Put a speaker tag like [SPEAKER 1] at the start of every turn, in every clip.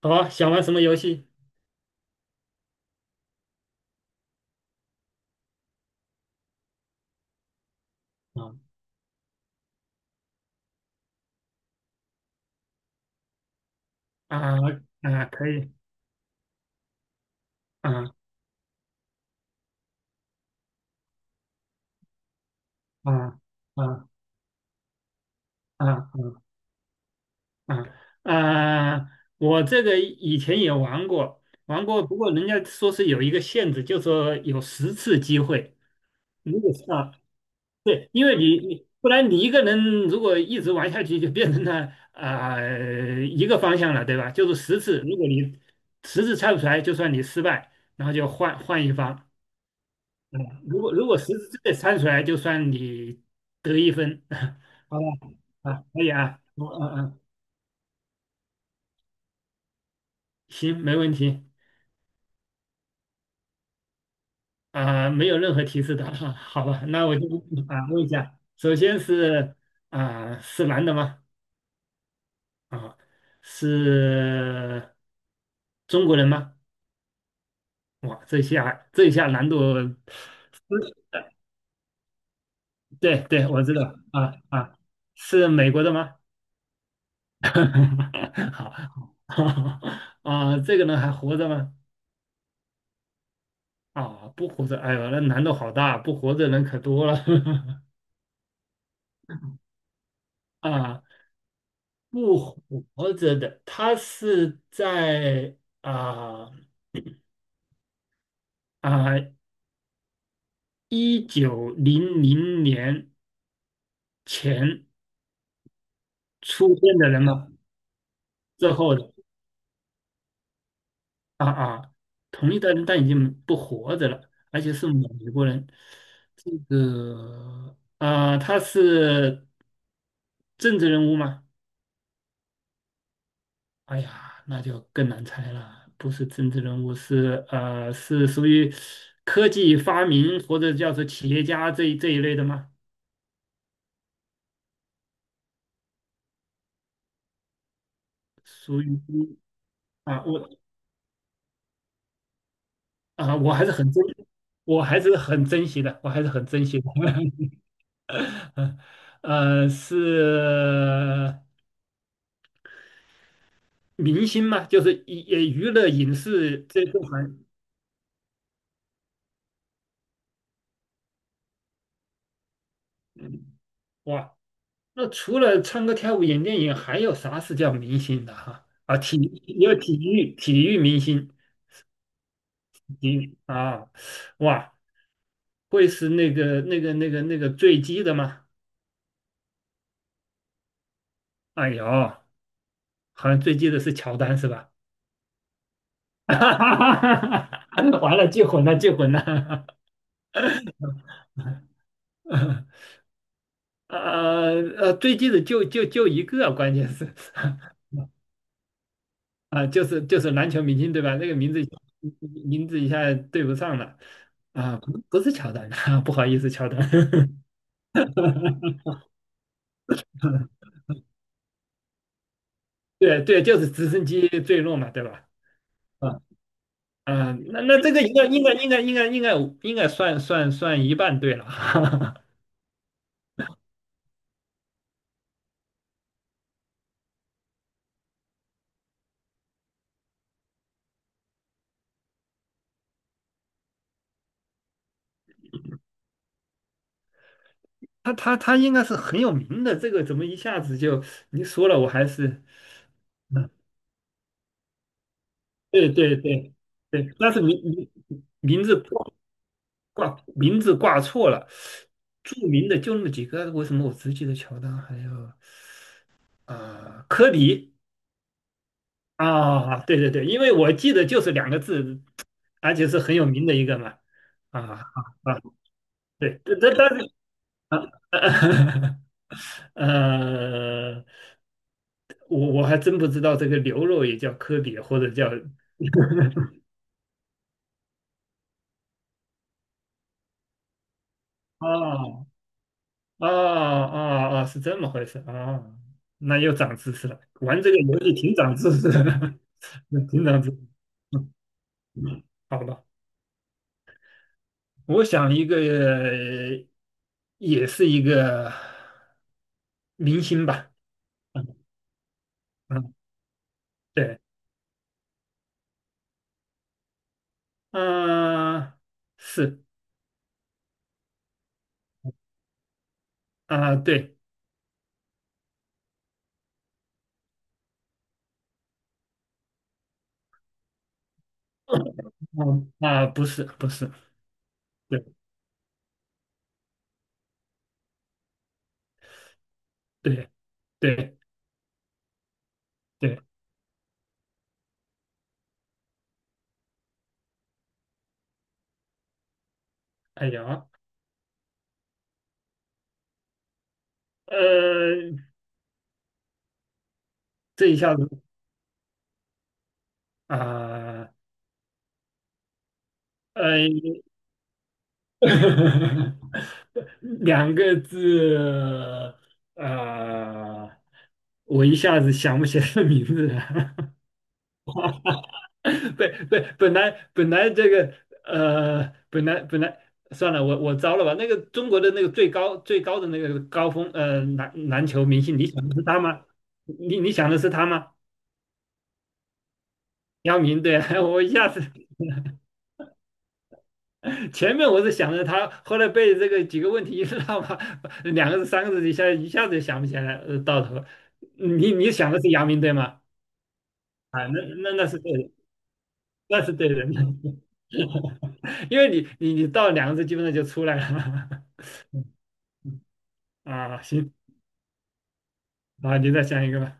[SPEAKER 1] 好，想玩什么游戏？啊啊啊，可以啊啊啊啊啊啊！啊！我这个以前也玩过，玩过，不过人家说是有一个限制，就说有十次机会。如果是啊，对，因为你不然你一个人如果一直玩下去，就变成了一个方向了，对吧？就是十次，如果你十次猜不出来，就算你失败，然后就换换一方。嗯，如果实质之内猜出来，就算你得1分。好吧，啊，可以啊，我嗯嗯，行，没问题啊，没有任何提示的，好吧，那我就问一下，首先是是男的吗？啊，是中国人吗？哇，这下难度，对对，我知道啊啊，是美国的吗？哈哈，好，啊，这个人还活着吗？啊，不活着，哎呦，那难度好大，不活着人可多了 啊，不活着的，他是在啊啊1900年前出现的人嘛，之后的啊啊，同一代人但已经不活着了，而且是美国人，这个啊，他是政治人物吗？哎呀，那就更难猜了，不是政治人物，是属于科技发明或者叫做企业家这一类的吗？属于啊，我啊，我还是很珍，我还是很珍惜的，我还是很珍惜的。是明星嘛，就是娱乐影视这行，嗯哇，那除了唱歌跳舞演电影，还有啥是叫明星的哈？也有体育明星。你啊，哇，会是那个坠机的吗？哎呦，好像坠机的是乔丹是吧？完了，记混了，记混了。坠机的就一个，关键是 啊，就是篮球明星对吧？那个名字一下对不上了啊，不是乔丹，不好意思，乔丹，对对，就是直升机坠落嘛，对吧？啊。那这个应该算一半对了，他应该是很有名的，这个怎么一下子就你说了，我还是嗯，对对对对，但是名字挂名字挂错了，著名的就那么几个，为什么我只记得乔丹，还有啊、科比啊，对对对，因为我记得就是两个字，而且是很有名的一个嘛，啊啊，啊对，但 呃，我还真不知道这个牛肉也叫科比，或者叫 啊啊啊啊，是这么回事啊、哦那又长知识了，玩这个游戏挺长知识的，挺长知识。嗯好吧，我想一个，也是一个明星吧。嗯嗯，对，嗯、是啊、对，不是不是，对对。对对，哎呀，呃，这一下子啊，呃，两个字，啊，我一下子想不起来名字了。对对，本来这个本来算了，我糟了吧？那个中国的那个最高最高的那个高峰，篮球明星，你想的是他吗？你想的是他吗？姚明，对啊，我一下子前面我是想着他，后来被这个几个问题一绕嘛，两个字三个字一下子就想不起来，到头了你想的是阳明对吗？啊，那是对的，那是对的，因为你到两个字基本上就出来了。啊，行，啊，你再想一个吧。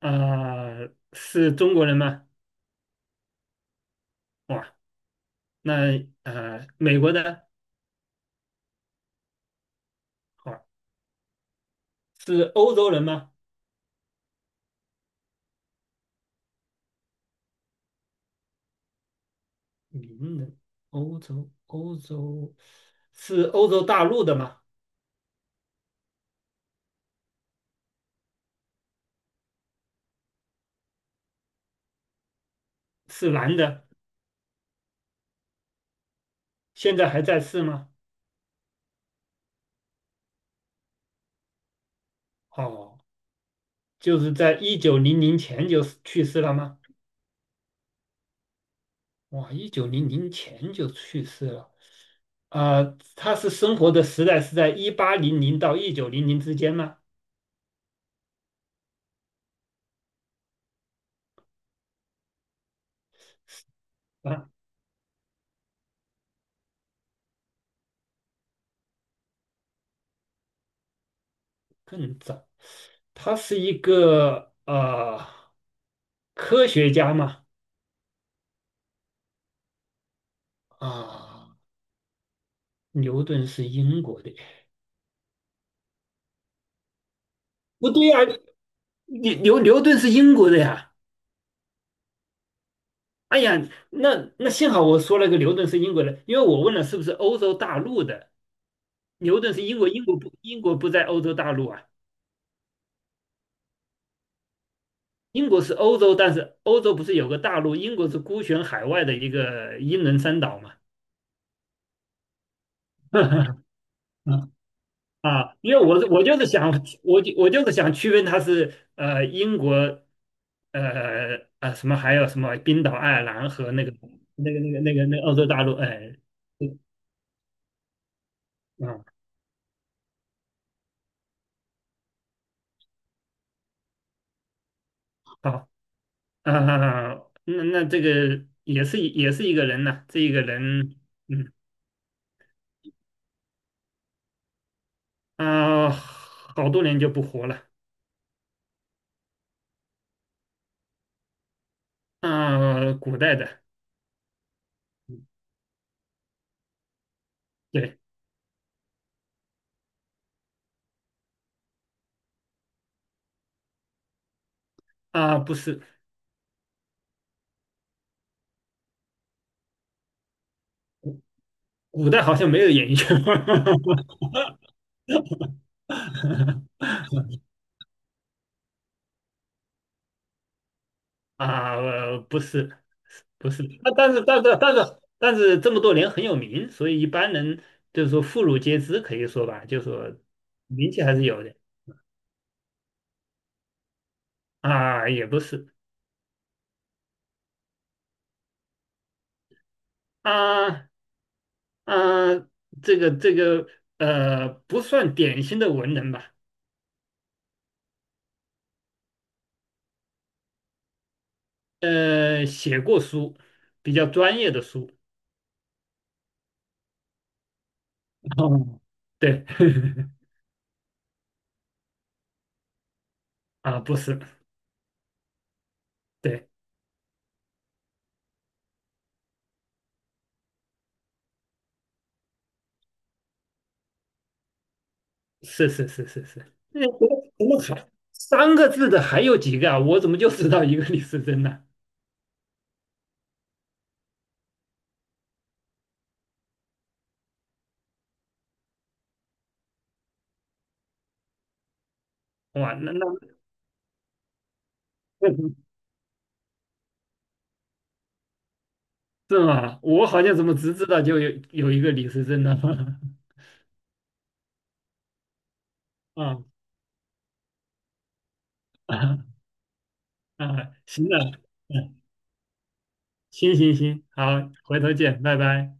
[SPEAKER 1] 啊，是中国人吗？哇，那美国的，哇，是欧洲人吗？名人，欧洲，欧洲，是欧洲大陆的吗？是男的，现在还在世吗？哦，就是在一九零零前就去世了吗？哇，一九零零前就去世了。啊、他是生活的时代是在1800到一九零零之间吗？啊，更早。他是一个科学家嘛？啊，牛顿是英国的。不对呀、牛顿是英国的呀。哎呀，那幸好我说了个牛顿是英国人，因为我问了是不是欧洲大陆的，牛顿是英国，英国不在欧洲大陆啊，英国是欧洲，但是欧洲不是有个大陆，英国是孤悬海外的一个英伦三岛嘛。嗯因为我就是想，我就是想区分它是英国，什么还有什么冰岛、爱尔兰和那个欧洲大陆，哎，嗯，啊好。啊，那这个也是一个人呐、这一个人，嗯好多年就不活了。啊，古代的，对啊，不是，古代好像没有演艺圈 啊，不是不是，啊，但是这么多年很有名，所以一般人就是说妇孺皆知，可以说吧，就说名气还是有的啊，也不是啊，啊，这个不算典型的文人吧，写过书，比较专业的书 哦，对，啊，不是，对，是是是是是。那怎么还三个字的还有几个啊？我怎么就知道一个李时珍呢？哇，那 是吗？我好像怎么只知道就有一个李时珍呢？啊啊啊！行了，嗯，行行行，好，回头见，拜拜。